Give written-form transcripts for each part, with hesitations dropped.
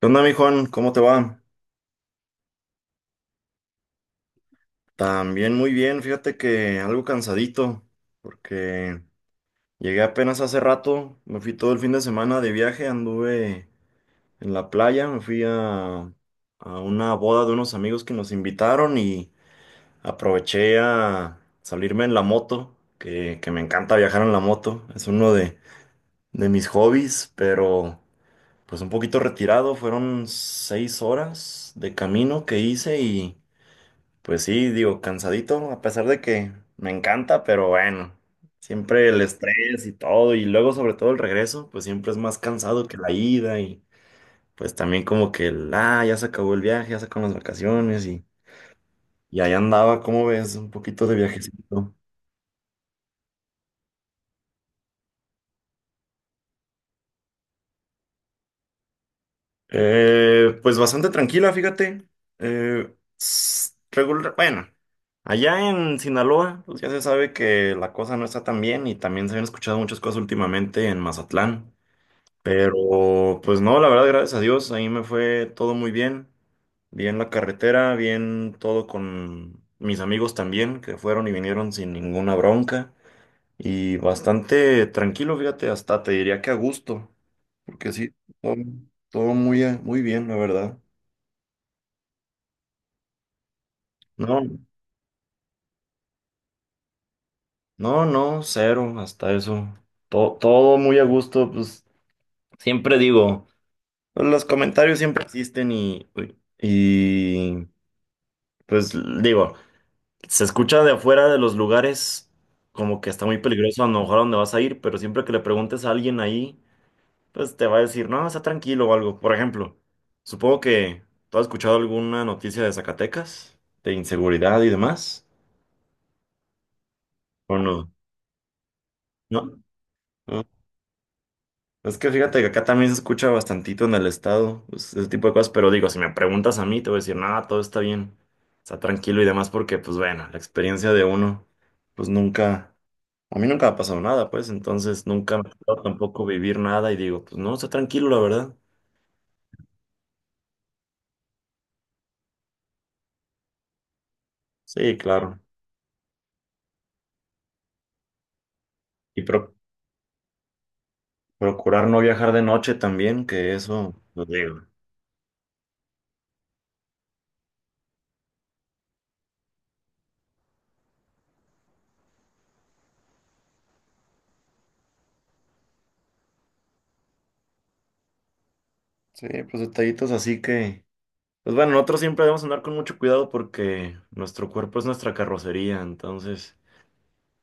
¿Qué onda, mi Juan? ¿Cómo te va? También muy bien, fíjate que algo cansadito, porque llegué apenas hace rato, me fui todo el fin de semana de viaje, anduve en la playa, me fui a una boda de unos amigos que nos invitaron y aproveché a salirme en la moto, que me encanta viajar en la moto, es uno de mis hobbies, pero pues un poquito retirado, fueron 6 horas de camino que hice y... Pues sí, digo, cansadito, a pesar de que me encanta, pero bueno, siempre el estrés y todo, y luego sobre todo el regreso, pues siempre es más cansado que la ida, y pues también como que ya se acabó el viaje, ya se acaban las vacaciones, y ahí andaba, ¿cómo ves? Un poquito de viajecito. Pues bastante tranquila, fíjate. Eh, Regular, bueno, allá en Sinaloa, pues ya se sabe que la cosa no está tan bien, y también se han escuchado muchas cosas últimamente en Mazatlán. Pero pues no, la verdad, gracias a Dios, ahí me fue todo muy bien. Bien la carretera, bien todo con mis amigos también, que fueron y vinieron sin ninguna bronca. Y bastante tranquilo, fíjate, hasta te diría que a gusto, porque sí, todo, todo muy bien, la verdad. No, no, no, cero, hasta eso. Todo, todo muy a gusto, pues siempre digo, pues, los comentarios siempre existen y pues digo. Se escucha de afuera de los lugares como que está muy peligroso a lo mejor a donde vas a ir, pero siempre que le preguntes a alguien ahí, pues te va a decir, no, está tranquilo o algo. Por ejemplo, supongo que tú has escuchado alguna noticia de Zacatecas, de inseguridad y demás, ¿o no? ¿No? No. Es que fíjate que acá también se escucha bastantito en el estado, pues, ese tipo de cosas, pero digo, si me preguntas a mí, te voy a decir, no, todo está bien, está tranquilo y demás, porque pues bueno, la experiencia de uno, pues nunca. A mí nunca me ha pasado nada, pues, entonces nunca me ha tocado tampoco vivir nada y digo, pues no, está tranquilo, la verdad. Sí, claro. Y procurar no viajar de noche también, que eso, lo digo. Sí, pues detallitos así que, pues bueno, nosotros siempre debemos andar con mucho cuidado porque nuestro cuerpo es nuestra carrocería, entonces,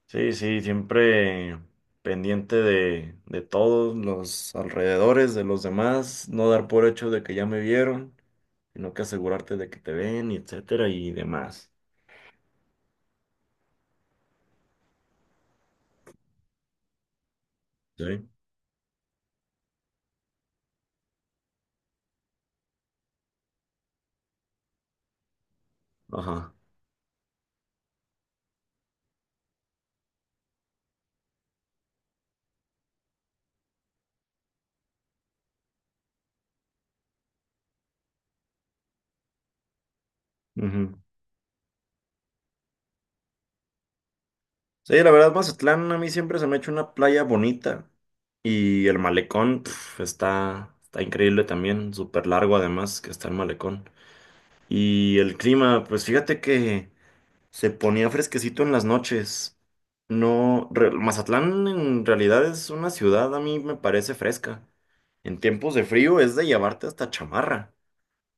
sí, sí, siempre pendiente de todos los alrededores, de los demás, no dar por hecho de que ya me vieron, sino que asegurarte de que te ven y etcétera y demás. Sí. Ajá. Ujú. Sí, la verdad, Mazatlán a mí siempre se me ha hecho una playa bonita. Y el malecón pf, está, está increíble también, súper largo además que está el malecón. Y el clima, pues fíjate que se ponía fresquecito en las noches. No, Mazatlán en realidad es una ciudad, a mí me parece fresca. En tiempos de frío es de llevarte hasta chamarra.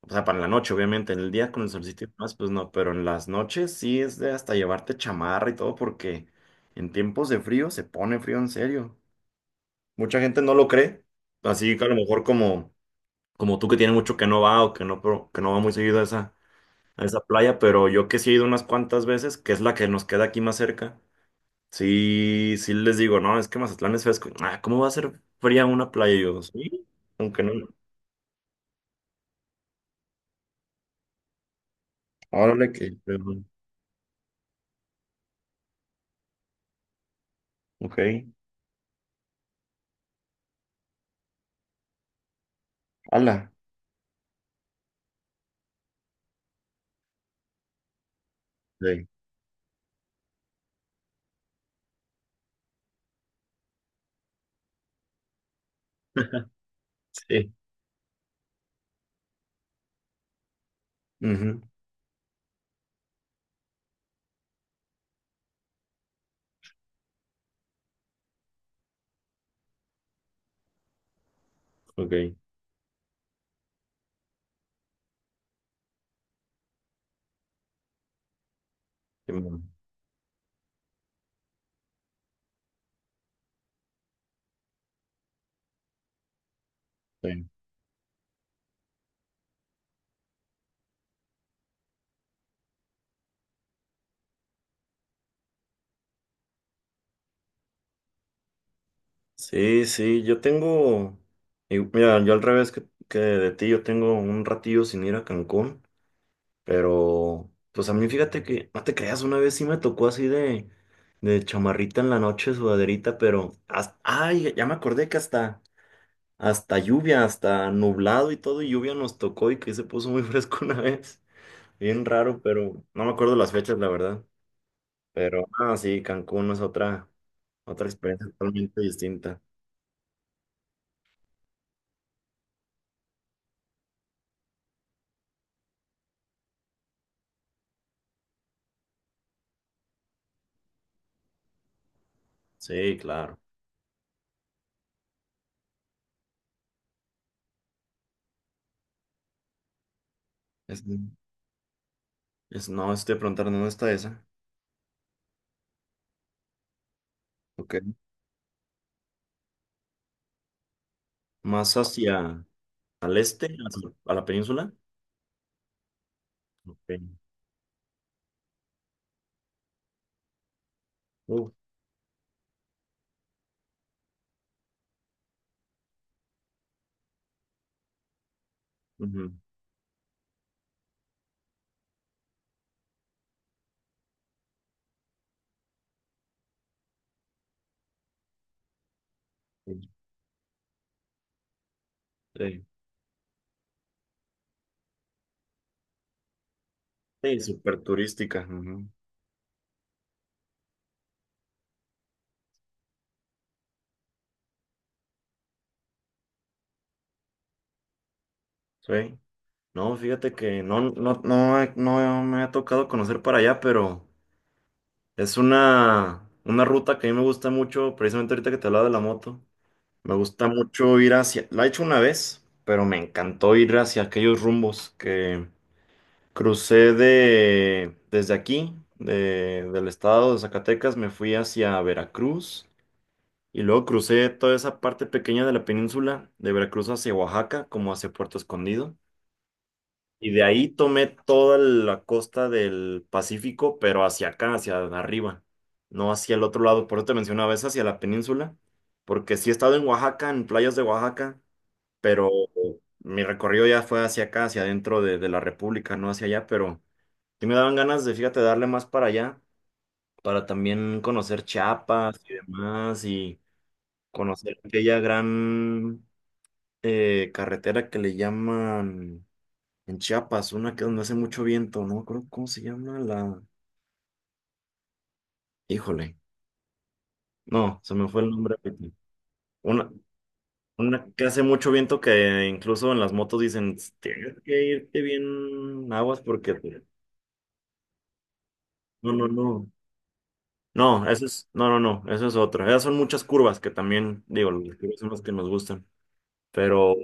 O sea, para la noche, obviamente, en el día con el solsticio y demás, pues no, pero en las noches sí es de hasta llevarte chamarra y todo, porque en tiempos de frío se pone frío en serio. Mucha gente no lo cree, así que a lo mejor como tú que tienes mucho que no va o que no, que no va muy seguido a esa playa, pero yo que sí he ido unas cuantas veces, que es la que nos queda aquí más cerca, sí, sí les digo, no, es que Mazatlán es fresco. Ah, ¿cómo va a ser fría una playa? Y yo, sí, aunque no, órale que, ok, ala. Sí. Sí. Ujú. Ok. Qué bueno. Sí, sí, sí, yo tengo, y mira, yo al revés que de ti, yo tengo un ratillo sin ir a Cancún, pero pues a mí fíjate que, no te creas, una vez sí me tocó así de chamarrita en la noche, sudaderita, pero, hasta, ay, ya me acordé que hasta lluvia, hasta nublado y todo, y lluvia nos tocó y que se puso muy fresco una vez, bien raro, pero no me acuerdo las fechas, la verdad, pero, ah, sí, Cancún no es otra. Otra experiencia totalmente distinta. Sí, claro. Es, no, estoy preguntando, ¿dónde está esa? Ok. Más hacia al este, hacia- a la península. Ok. Uf. Ujú. Sí, sí. Sí, súper turística. Ujú. Sí. No, fíjate que no, no, no, no me ha tocado conocer para allá, pero es una ruta que a mí me gusta mucho, precisamente ahorita que te hablaba de la moto. Me gusta mucho ir hacia, la he hecho una vez, pero me encantó ir hacia aquellos rumbos que crucé desde aquí, del estado de Zacatecas, me fui hacia Veracruz y luego crucé toda esa parte pequeña de la península, de Veracruz hacia Oaxaca, como hacia Puerto Escondido. Y de ahí tomé toda la costa del Pacífico, pero hacia acá, hacia arriba, no hacia el otro lado. Por eso te mencionaba, es hacia la península, porque sí he estado en Oaxaca, en playas de Oaxaca, pero mi recorrido ya fue hacia acá, hacia adentro de la República, no hacia allá, pero... Sí me daban ganas de, fíjate, darle más para allá, para también conocer Chiapas y demás, y conocer aquella gran carretera que le llaman en Chiapas, una que donde hace mucho viento, no me acuerdo cómo se llama la... Híjole, no, se me fue el nombre ahorita. Una, una que hace mucho viento que incluso en las motos dicen, tienes que irte bien aguas porque... te- No, no, no. No, eso es, no, no, no, eso es otra. Esas son muchas curvas que también, digo, las curvas son las que nos gustan. Pero,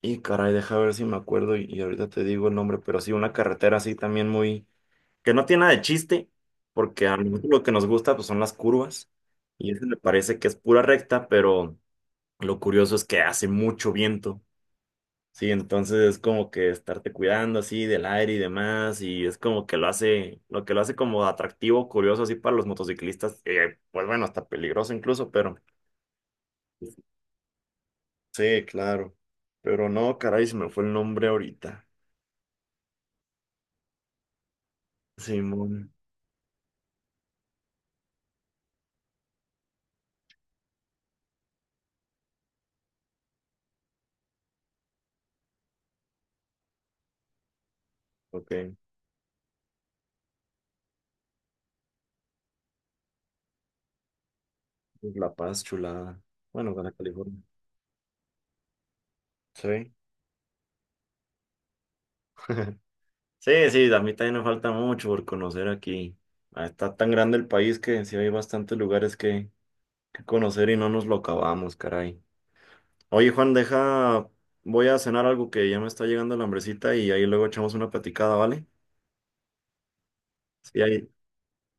y caray, deja ver si me acuerdo y ahorita te digo el nombre, pero sí, una carretera así también muy, que no tiene nada de chiste, porque a nosotros lo que nos gusta pues son las curvas. Y eso me parece que es pura recta, pero lo curioso es que hace mucho viento. Sí, entonces es como que estarte cuidando así del aire y demás, y es como que lo hace, lo que lo hace como atractivo, curioso así para los motociclistas, pues bueno, hasta peligroso incluso, pero sí, claro. Pero no, caray, se me fue el nombre ahorita. Simón. Ok. La Paz, chulada. Bueno, Baja California. Sí. Sí, sí, a mí también me falta mucho por conocer aquí. Ah, está tan grande el país que sí hay bastantes lugares que conocer y no nos lo acabamos, caray. Oye, Juan, deja, voy a cenar algo que ya me está llegando la hambrecita y ahí luego echamos una platicada, ¿vale? Sí, ahí,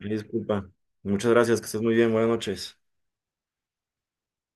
ahí disculpa. Muchas gracias, que estés muy bien, buenas noches.